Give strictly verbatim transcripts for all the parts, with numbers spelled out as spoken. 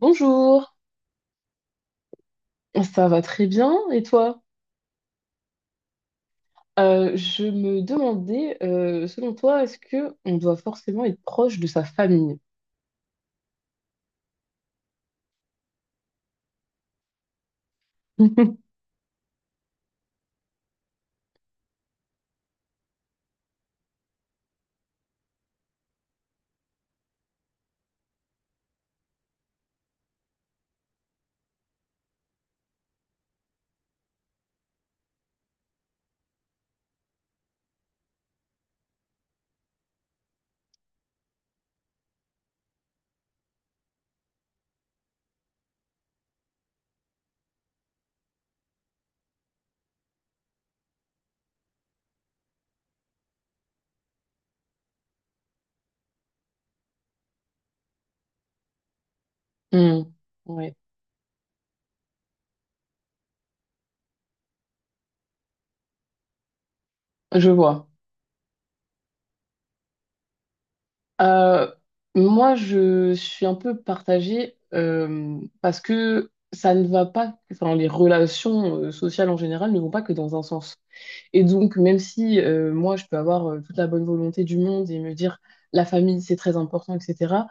Bonjour, ça va très bien et toi? Euh, je me demandais, euh, selon toi, est-ce que on doit forcément être proche de sa famille? Hmm, ouais, je vois. Euh, Moi, je suis un peu partagée euh, parce que ça ne va pas, enfin, les relations euh, sociales en général ne vont pas que dans un sens. Et donc, même si euh, moi, je peux avoir euh, toute la bonne volonté du monde et me dire la famille, c'est très important, et cetera,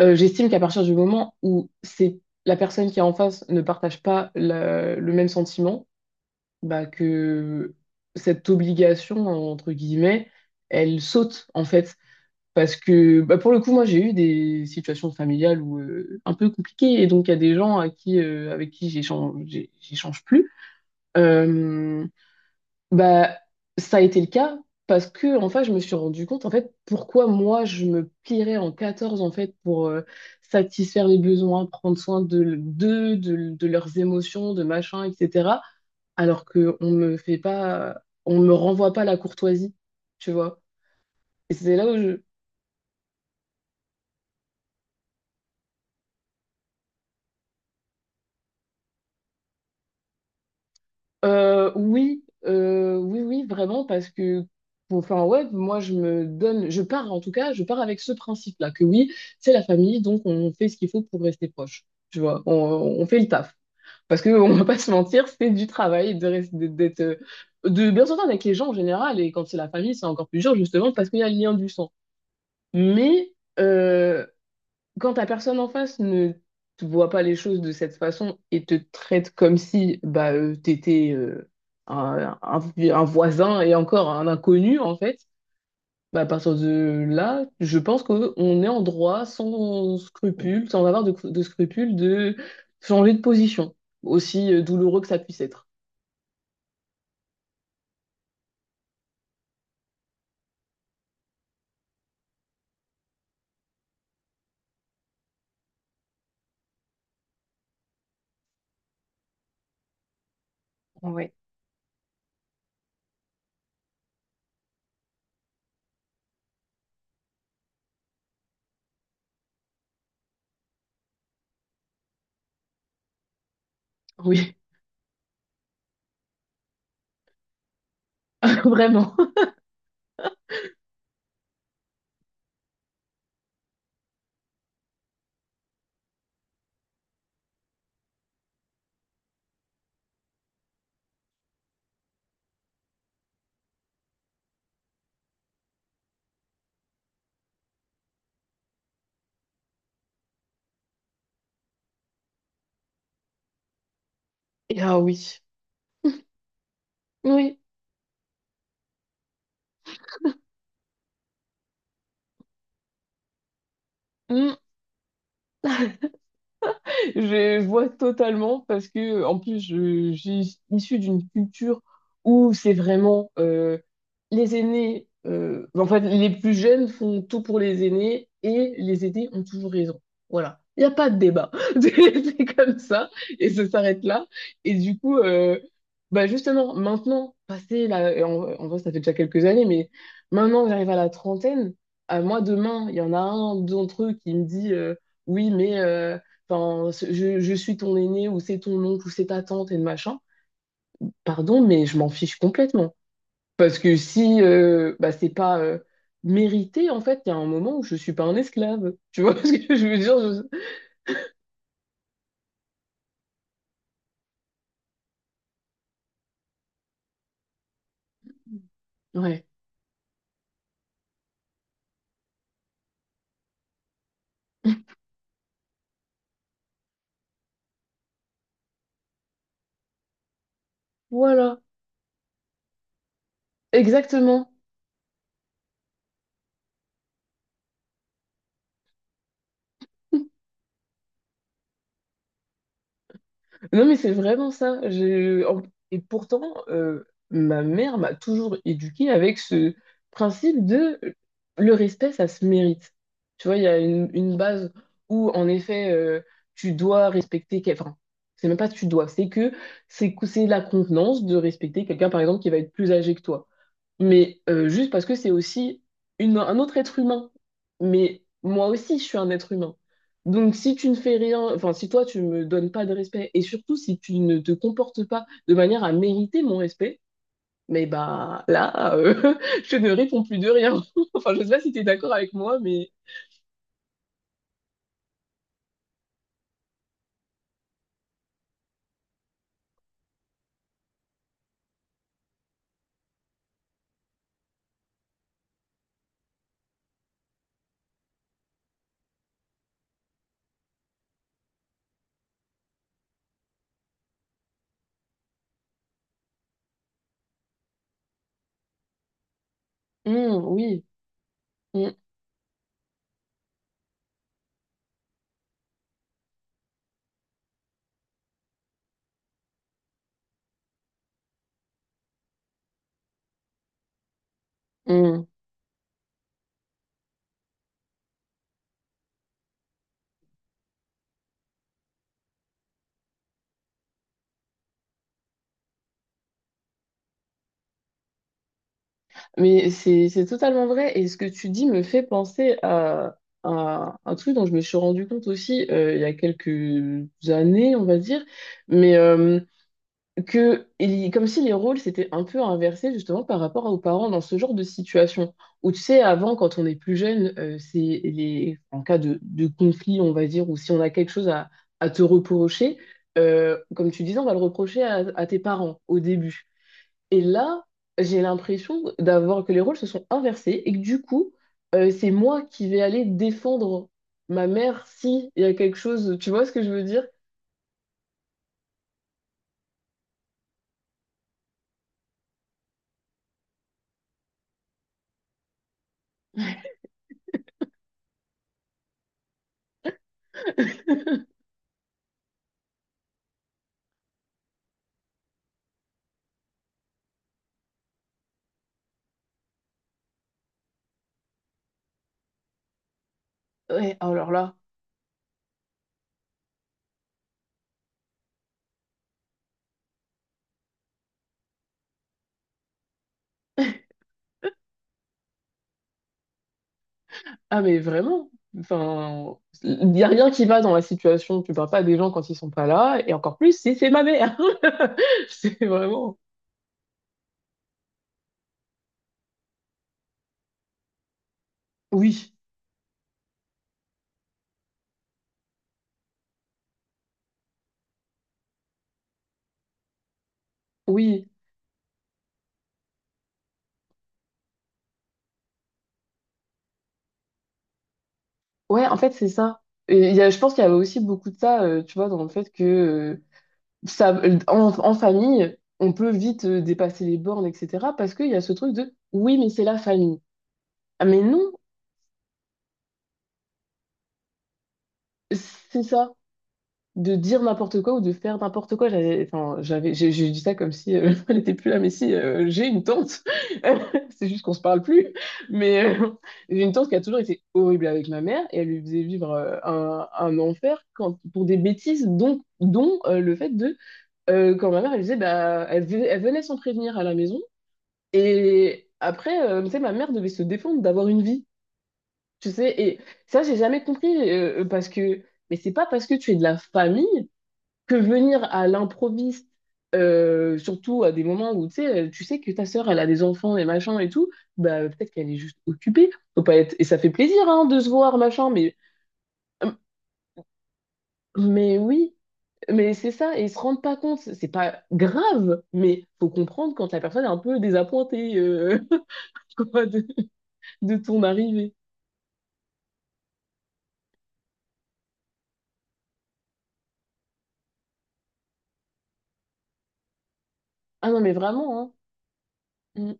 Euh, j'estime qu'à partir du moment où c'est la personne qui est en face ne partage pas la- le même sentiment, bah que cette obligation, entre guillemets, elle saute en fait. Parce que bah, pour le coup, moi j'ai eu des situations familiales où, euh, un peu compliquées et donc il y a des gens à qui, euh, avec qui j'échange, j'ai- j'échange plus. Euh, bah, ça a été le cas parce que en fait, je me suis rendu compte en fait pourquoi moi je me plierais en quatorze en fait pour euh, satisfaire les besoins, prendre soin de d'eux, de, de leurs émotions, de machin, et cetera. Alors que on me fait pas, on me renvoie pas la courtoisie, tu vois. Et c'est là où je, Euh, oui, euh, oui, oui, vraiment, parce que, bon, enfin, ouais, moi, je me donne, je pars, en tout cas, je pars avec ce principe-là, que oui, c'est la famille, donc on fait ce qu'il faut pour rester proche, tu vois, on, on fait le taf. Parce que, on va pas se mentir, c'est du travail de, res- de- d'être, euh, de bien s'entendre avec les gens en général, et quand c'est la famille, c'est encore plus dur, justement, parce qu'il y a le lien du sang. Mais, euh, quand la personne en face ne te voit pas les choses de cette façon et te traite comme si bah, euh, t'étais euh, un, un- un voisin et encore un inconnu, en fait, bah, à partir de là, je pense qu'on est en droit sans scrupule, sans avoir de, de scrupule, de changer de position, aussi euh, douloureux que ça puisse être. Ouais. Oui, vraiment. Et ah oui, oui. Je vois totalement parce que en plus je, je suis d'une culture où c'est vraiment euh, les aînés, euh, en fait les plus jeunes font tout pour les aînés et les aînés ont toujours raison. Voilà, il n'y a pas de débat, c'est c'est comme ça et ça s'arrête là. Et du coup, euh, bah justement maintenant, passé là, en, en vrai ça fait déjà quelques années, mais maintenant que j'arrive à la trentaine, à moi demain, il y en a un d'entre eux qui me dit euh, oui mais euh, enfin, je, je suis ton aîné ou c'est ton oncle ou c'est ta tante et le machin. Pardon, mais je m'en fiche complètement. Parce que si euh, bah, c'est pas euh, mérité, en fait, il y a un moment où je suis pas un esclave. Tu vois ce que je veux dire? Je- Ouais. Voilà. Exactement. Non, mais c'est vraiment ça. J'ai- en- Et pourtant, euh, ma mère m'a toujours éduquée avec ce principe de euh, le respect, ça se mérite. Tu vois, il y a une, une base où, en effet, euh, tu dois respecter quelqu'un. Enfin, c'est même pas tu dois, c'est que c'est que- c'est la contenance de respecter quelqu'un, par exemple, qui va être plus âgé que toi mais euh, juste parce que c'est aussi une, un autre être humain. Mais moi aussi, je suis un être humain. Donc si tu ne fais rien, enfin si toi tu me donnes pas de respect et surtout si tu ne te comportes pas de manière à mériter mon respect, mais bah là, euh, je ne réponds plus de rien. Enfin, je sais pas si tu es d'accord avec moi, mais Hmm, oui. Hmm, hmm. Mais c'est c'est totalement vrai. Et ce que tu dis me fait penser à, à un truc dont je me suis rendu compte aussi euh, il y a quelques années, on va dire, mais euh, que il- comme si les rôles s'étaient un peu inversés justement par rapport aux parents dans ce genre de situation. Où tu sais, avant, quand on est plus jeune, euh, c'est les en cas de, de conflit, on va dire, ou si on a quelque chose à, à te reprocher, euh, comme tu disais, on va le reprocher à à tes parents au début. Et là, j'ai l'impression d'avoir que les rôles se sont inversés et que du coup, euh, c'est moi qui vais aller défendre ma mère si il y a quelque chose. Tu vois ce que je veux dire? Ouais, alors là. Ah mais vraiment, enfin, il n'y a rien qui va dans la situation. Tu parles pas des gens quand ils sont pas là, et encore plus si c'est ma mère. C'est vraiment. Oui, oui, ouais. En fait, c'est ça. Et il y a, je pense qu'il y avait aussi beaucoup de ça, euh, tu vois, dans le fait que euh, ça, en, en famille, on peut vite euh, dépasser les bornes, et cetera. Parce qu'il y a ce truc de oui, mais c'est la famille. Ah, mais non, c'est ça, de dire n'importe quoi ou de faire n'importe quoi. J'avais, enfin, j'avais, j'ai j'ai dit ça comme si euh, elle n'était plus là, mais si, euh, j'ai une tante. C'est juste qu'on se parle plus. Mais euh, j'ai une tante qui a toujours été horrible avec ma mère et elle lui faisait vivre euh, un, un enfer quand, pour des bêtises, dont, dont euh, le fait de. Euh, quand ma mère, elle disait, bah, elle, ve- elle venait sans prévenir à la maison. Et après, euh, tu sais, ma mère devait se défendre d'avoir une vie, tu sais. Et ça, j'ai jamais compris euh, euh, parce que, mais c'est pas parce que tu es de la famille que venir à l'improviste, euh, surtout à des moments où tu sais, euh, tu sais que ta sœur, elle a des enfants et machin et tout, bah peut-être qu'elle est juste occupée. Faut pas être... Et ça fait plaisir, hein, de se voir, machin, mais, euh, mais oui. Mais c'est ça, et ils se rendent pas compte, c'est pas grave, mais faut comprendre quand la personne est un peu désappointée euh, quoi, de, de ton arrivée. Ah non, mais vraiment, hein. Mm.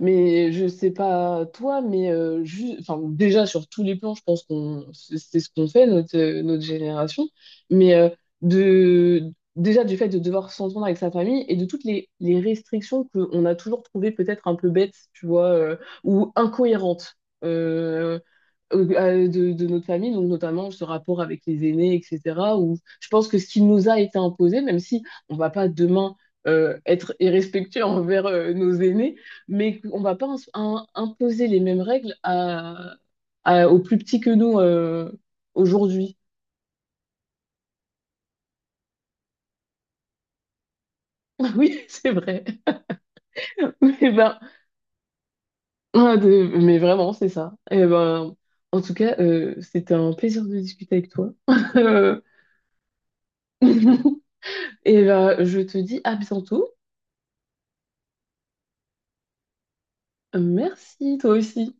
Mais je sais pas toi, mais euh, ju- enfin, déjà sur tous les plans, je pense qu'on c'est c'est ce qu'on fait, notre, euh, notre génération. Mais euh, de déjà du fait de devoir s'entendre avec sa famille et de toutes les, les restrictions qu'on a toujours trouvées peut-être un peu bêtes, tu vois, euh, ou incohérentes euh, euh, euh, de, de notre famille, donc notamment ce rapport avec les aînés, et cetera. Où je pense que ce qui nous a été imposé, même si on va pas demain euh, être irrespectueux envers euh, nos aînés, mais on va pas ins- un- imposer les mêmes règles à, à- aux plus petits que nous euh, aujourd'hui. Oui, c'est vrai. Eh ben, ah, de- mais vraiment, c'est ça. Eh ben, en tout cas, euh, c'était un plaisir de discuter avec toi. Euh, Et ben, je te dis à bientôt. Merci, toi aussi.